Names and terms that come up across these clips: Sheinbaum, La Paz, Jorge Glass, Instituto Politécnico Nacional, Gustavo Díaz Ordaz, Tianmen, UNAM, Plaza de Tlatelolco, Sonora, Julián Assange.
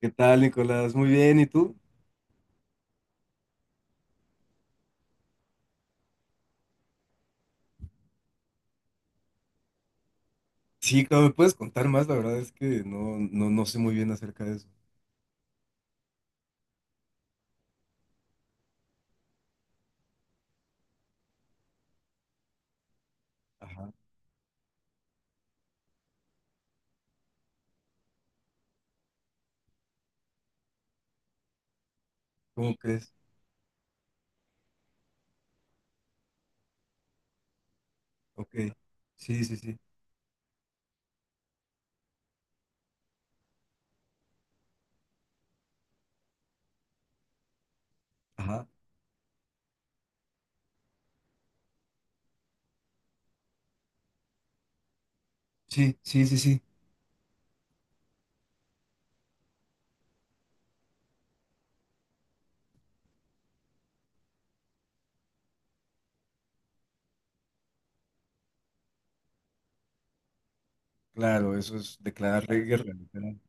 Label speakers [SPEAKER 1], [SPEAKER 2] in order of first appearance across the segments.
[SPEAKER 1] ¿Qué tal, Nicolás? Muy bien, ¿y tú? Sí, claro, ¿me puedes contar más? La verdad es que no sé muy bien acerca de eso. Ajá, ¿cómo crees? Ok, sí, sí, sí. Ajá, sí, sí, sí, sí. Claro, eso es declararle guerra, literal.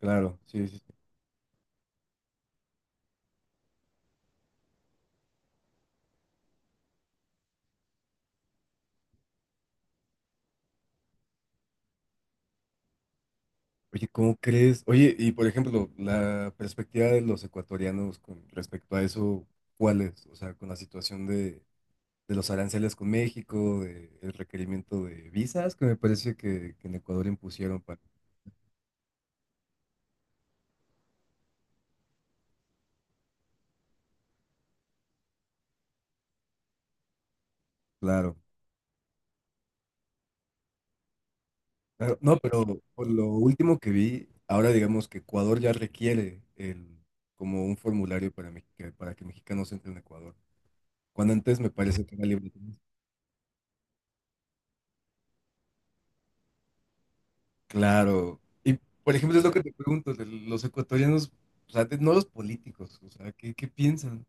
[SPEAKER 1] Claro, sí, sí, sí. Oye, ¿cómo crees? Oye, y por ejemplo, la perspectiva de los ecuatorianos con respecto a eso, ¿cuál es? O sea, con la situación de los aranceles con México, de, el requerimiento de visas que me parece que en Ecuador impusieron para... Claro. Claro, no, pero por lo último que vi, ahora digamos que Ecuador ya requiere el, como un formulario para, para que mexicanos entren a Ecuador. Cuando antes me parece que era libre. Claro. Y por ejemplo, es lo que te pregunto, de los ecuatorianos, o sea, no los políticos, o sea, ¿qué piensan?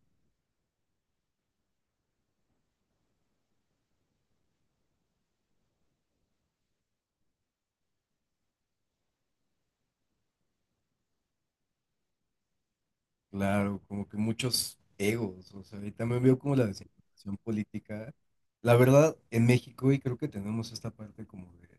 [SPEAKER 1] Claro, como que muchos egos, o sea, y también veo como la desinformación política. La verdad, en México, y creo que tenemos esta parte como de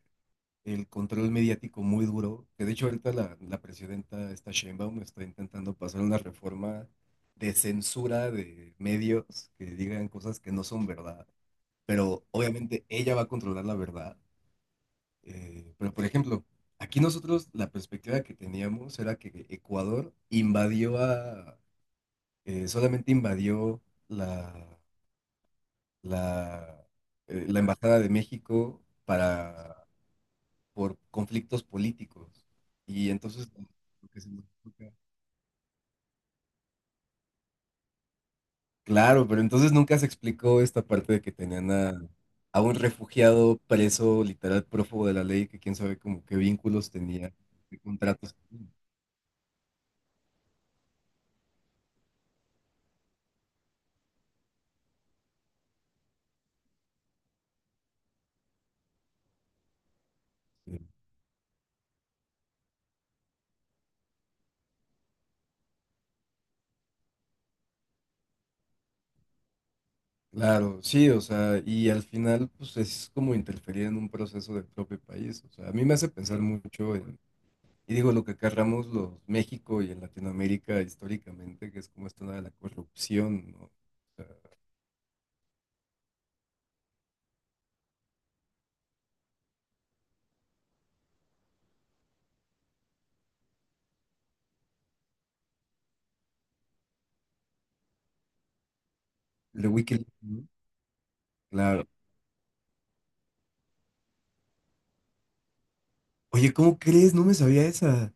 [SPEAKER 1] el control mediático muy duro, que de hecho ahorita la presidenta, esta Sheinbaum, está intentando pasar una reforma de censura de medios que digan cosas que no son verdad, pero obviamente ella va a controlar la verdad. Pero por ejemplo, aquí nosotros la perspectiva que teníamos era que Ecuador invadió solamente invadió la, la, la Embajada de México para por conflictos políticos. Y entonces, lo que se nos explica. Claro, pero entonces nunca se explicó esta parte de que tenían a, un refugiado preso, literal prófugo de la ley, que quién sabe como qué vínculos tenía, qué contratos tenía. Sí. Claro, sí, o sea, y al final, pues es como interferir en un proceso del propio país. O sea, a mí me hace pensar mucho en, y digo, lo que acarramos los México y en Latinoamérica históricamente, que es como esta onda de la corrupción, ¿no? O sea, el de Wikileaks, ¿no? Claro. Oye, ¿cómo crees? No me sabía esa.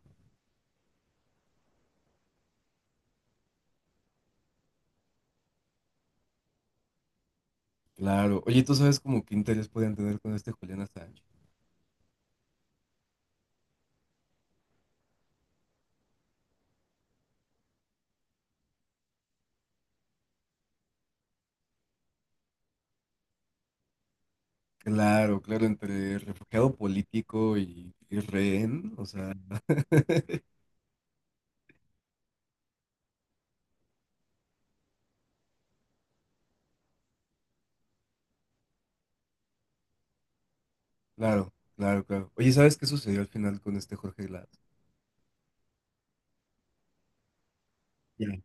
[SPEAKER 1] Claro. Oye, ¿tú sabes como qué interés podían tener con este Julián Assange? Claro, claro, entre refugiado político y rehén, o sea, claro, claro, claro. Oye, ¿sabes qué sucedió al final con este Jorge Glass? Ya.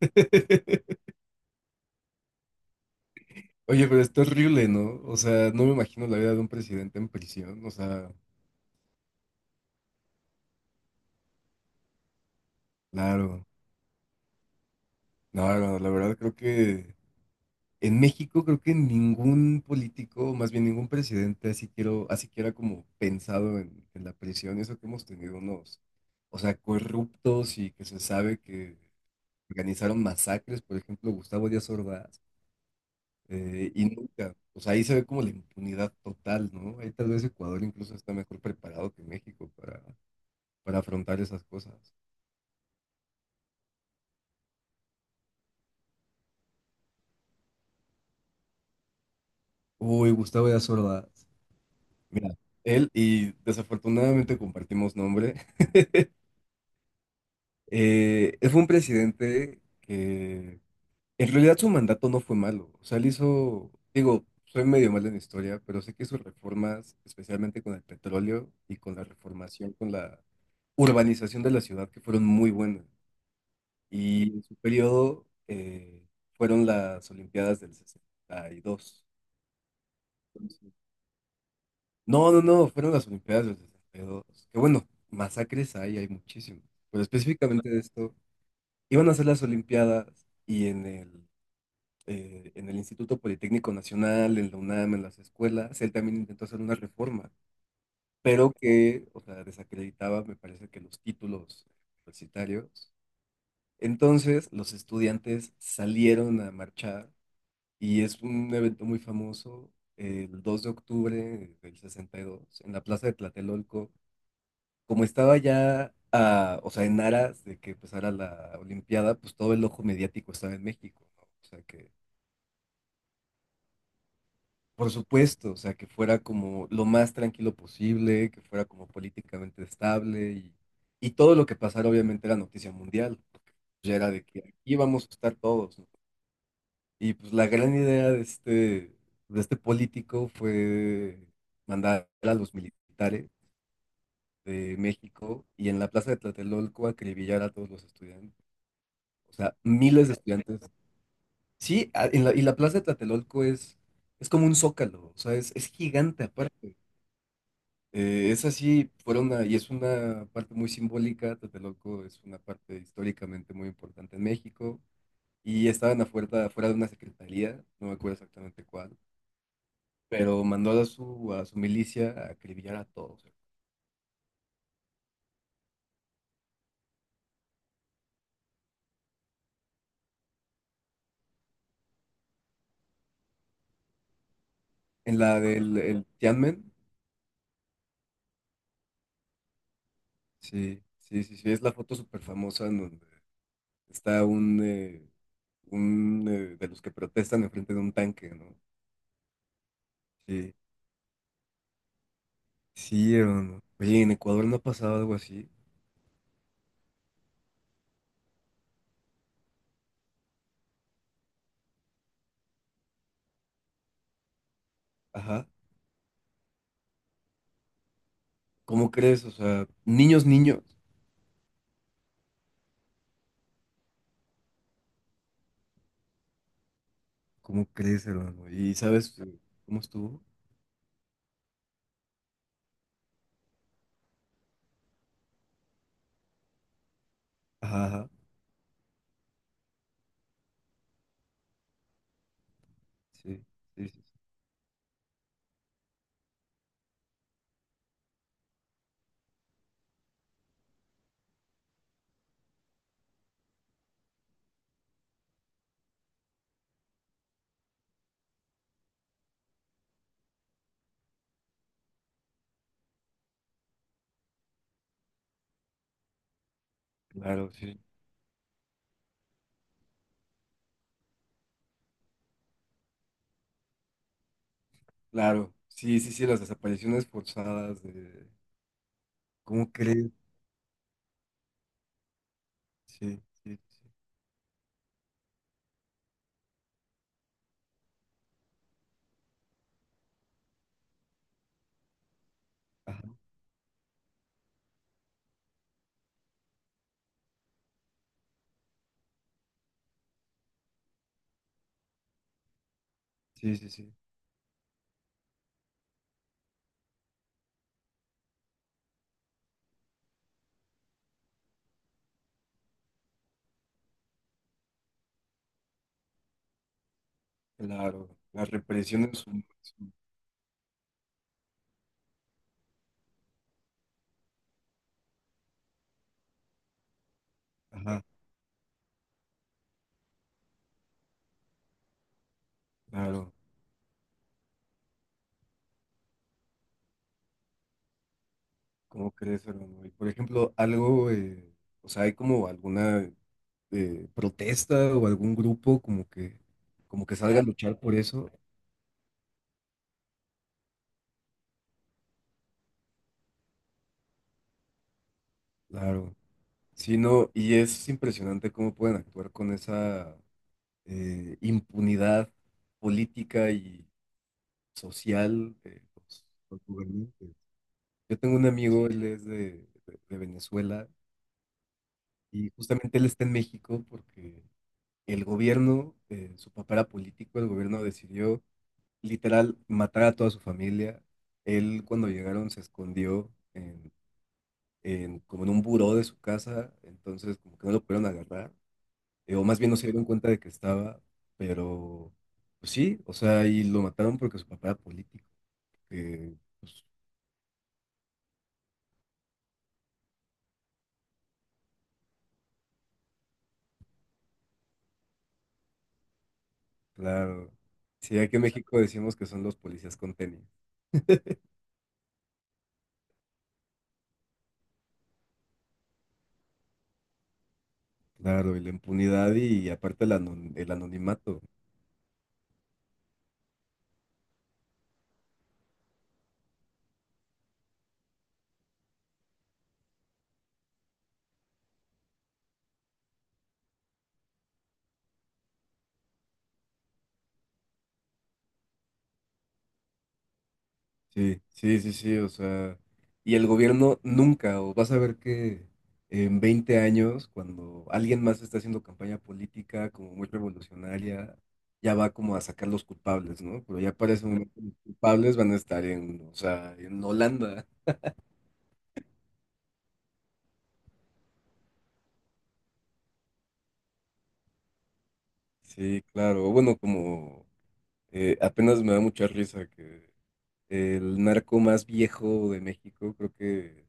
[SPEAKER 1] Oye, pero está horrible, ¿no? O sea, no me imagino la vida de un presidente en prisión, o sea, claro, claro, la verdad creo que en México creo que ningún político, más bien ningún presidente, así quiero, así que era como pensado en, la prisión, eso que hemos tenido unos, o sea, corruptos y que se sabe que organizaron masacres, por ejemplo, Gustavo Díaz Ordaz, y nunca, o sea, ahí se ve como la impunidad total, ¿no? Ahí tal vez Ecuador incluso está mejor preparado que México para afrontar esas cosas. Uy, Gustavo Díaz Ordaz, mira, él y desafortunadamente compartimos nombre. Fue un presidente que en realidad su mandato no fue malo. O sea, él hizo, digo, soy medio malo en historia, pero sé que sus reformas, especialmente con el petróleo y con la reformación, con la urbanización de la ciudad, que fueron muy buenas. Y en su periodo fueron las Olimpiadas del 62. Entonces, no, no, no, fueron las Olimpiadas del 62. Que bueno, masacres hay muchísimas. Pero específicamente de esto. Iban a hacer las Olimpiadas y en el Instituto Politécnico Nacional, en la UNAM, en las escuelas, él también intentó hacer una reforma, pero que, o sea, desacreditaba, me parece que los títulos universitarios. Entonces, los estudiantes salieron a marchar y es un evento muy famoso, el 2 de octubre del 62, en la Plaza de Tlatelolco como estaba ya, o sea, en aras de que empezara la Olimpiada, pues todo el ojo mediático estaba en México, ¿no? O sea, que, por supuesto, o sea, que fuera como lo más tranquilo posible, que fuera como políticamente estable y todo lo que pasara obviamente era noticia mundial, porque ya era de que aquí vamos a estar todos, ¿no? Y pues la gran idea de este político fue mandar a los militares de México y en la plaza de Tlatelolco acribillar a todos los estudiantes. O sea, miles de estudiantes. Sí, y la plaza de Tlatelolco es como un zócalo, o sea, es gigante aparte. Es así, y es una parte muy simbólica. Tlatelolco es una parte históricamente muy importante en México. Y estaban afuera de una secretaría, no me acuerdo exactamente cuál, pero mandó a su, milicia a acribillar a todos. En la del el Tianmen, sí, sí, sí, sí, es la foto súper famosa está un de los que protestan enfrente de un tanque, ¿no? Sí, sí, hermano. Oye, en Ecuador no ha pasado algo así. Ajá. ¿Cómo crees? O sea, niños, niños. ¿Cómo crees, hermano? ¿Y sabes cómo estuvo? Ajá, ajá. Sí, sí, sí, sí. Claro, sí. Claro. Sí, sí, sí, las desapariciones forzadas de... ¿Cómo crees? Sí, sí, sí. Ajá. Sí, sí, sí. Claro. Las represiones... Ajá, claro. ¿Cómo crees, hermano? Y por ejemplo, algo, o sea, hay como alguna protesta o algún grupo como que salga a luchar por eso, claro. Sí, no, y es impresionante cómo pueden actuar con esa impunidad política y social los gobernantes. Yo tengo un amigo, él es de Venezuela y justamente él está en México porque su papá era político, el gobierno decidió literal matar a toda su familia. Él cuando llegaron se escondió como en un buró de su casa, entonces como que no lo pudieron agarrar, o más bien no se dieron cuenta de que estaba, pero pues sí, o sea, y lo mataron porque su papá era político, que, pues claro, sí, aquí en México decimos que son los policías con tenis, claro, y la impunidad y, aparte el el anonimato. Sí, sí, sí, sí, o sea, y el gobierno nunca, o vas a ver que en 20 años, cuando alguien más está haciendo campaña política como muy revolucionaria, ya va como a sacar los culpables, ¿no? Pero ya para ese momento los culpables van a estar en, o sea, en Holanda. Sí, claro, bueno, como apenas me da mucha risa que el narco más viejo de México, creo que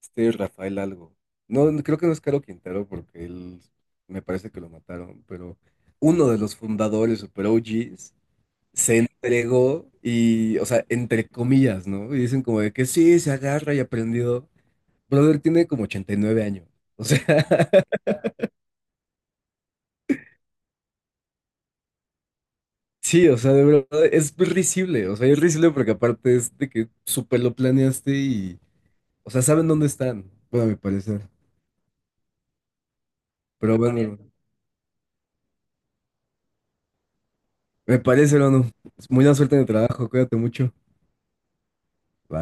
[SPEAKER 1] este Rafael algo. No, no, creo que no es Caro Quintero porque él me parece que lo mataron, pero uno de los fundadores, super OGs, se entregó y, o sea, entre comillas, ¿no? Y dicen como de que sí, se agarra y aprendió. Brother tiene como 89 años. O sea, sí, o sea, de verdad, es risible. O sea, es risible porque aparte es de que súper lo planeaste y, o sea, saben dónde están, bueno, a mi parecer. Pero bueno, me parece, hermano. Muy buena suerte en el trabajo, cuídate mucho. Bye.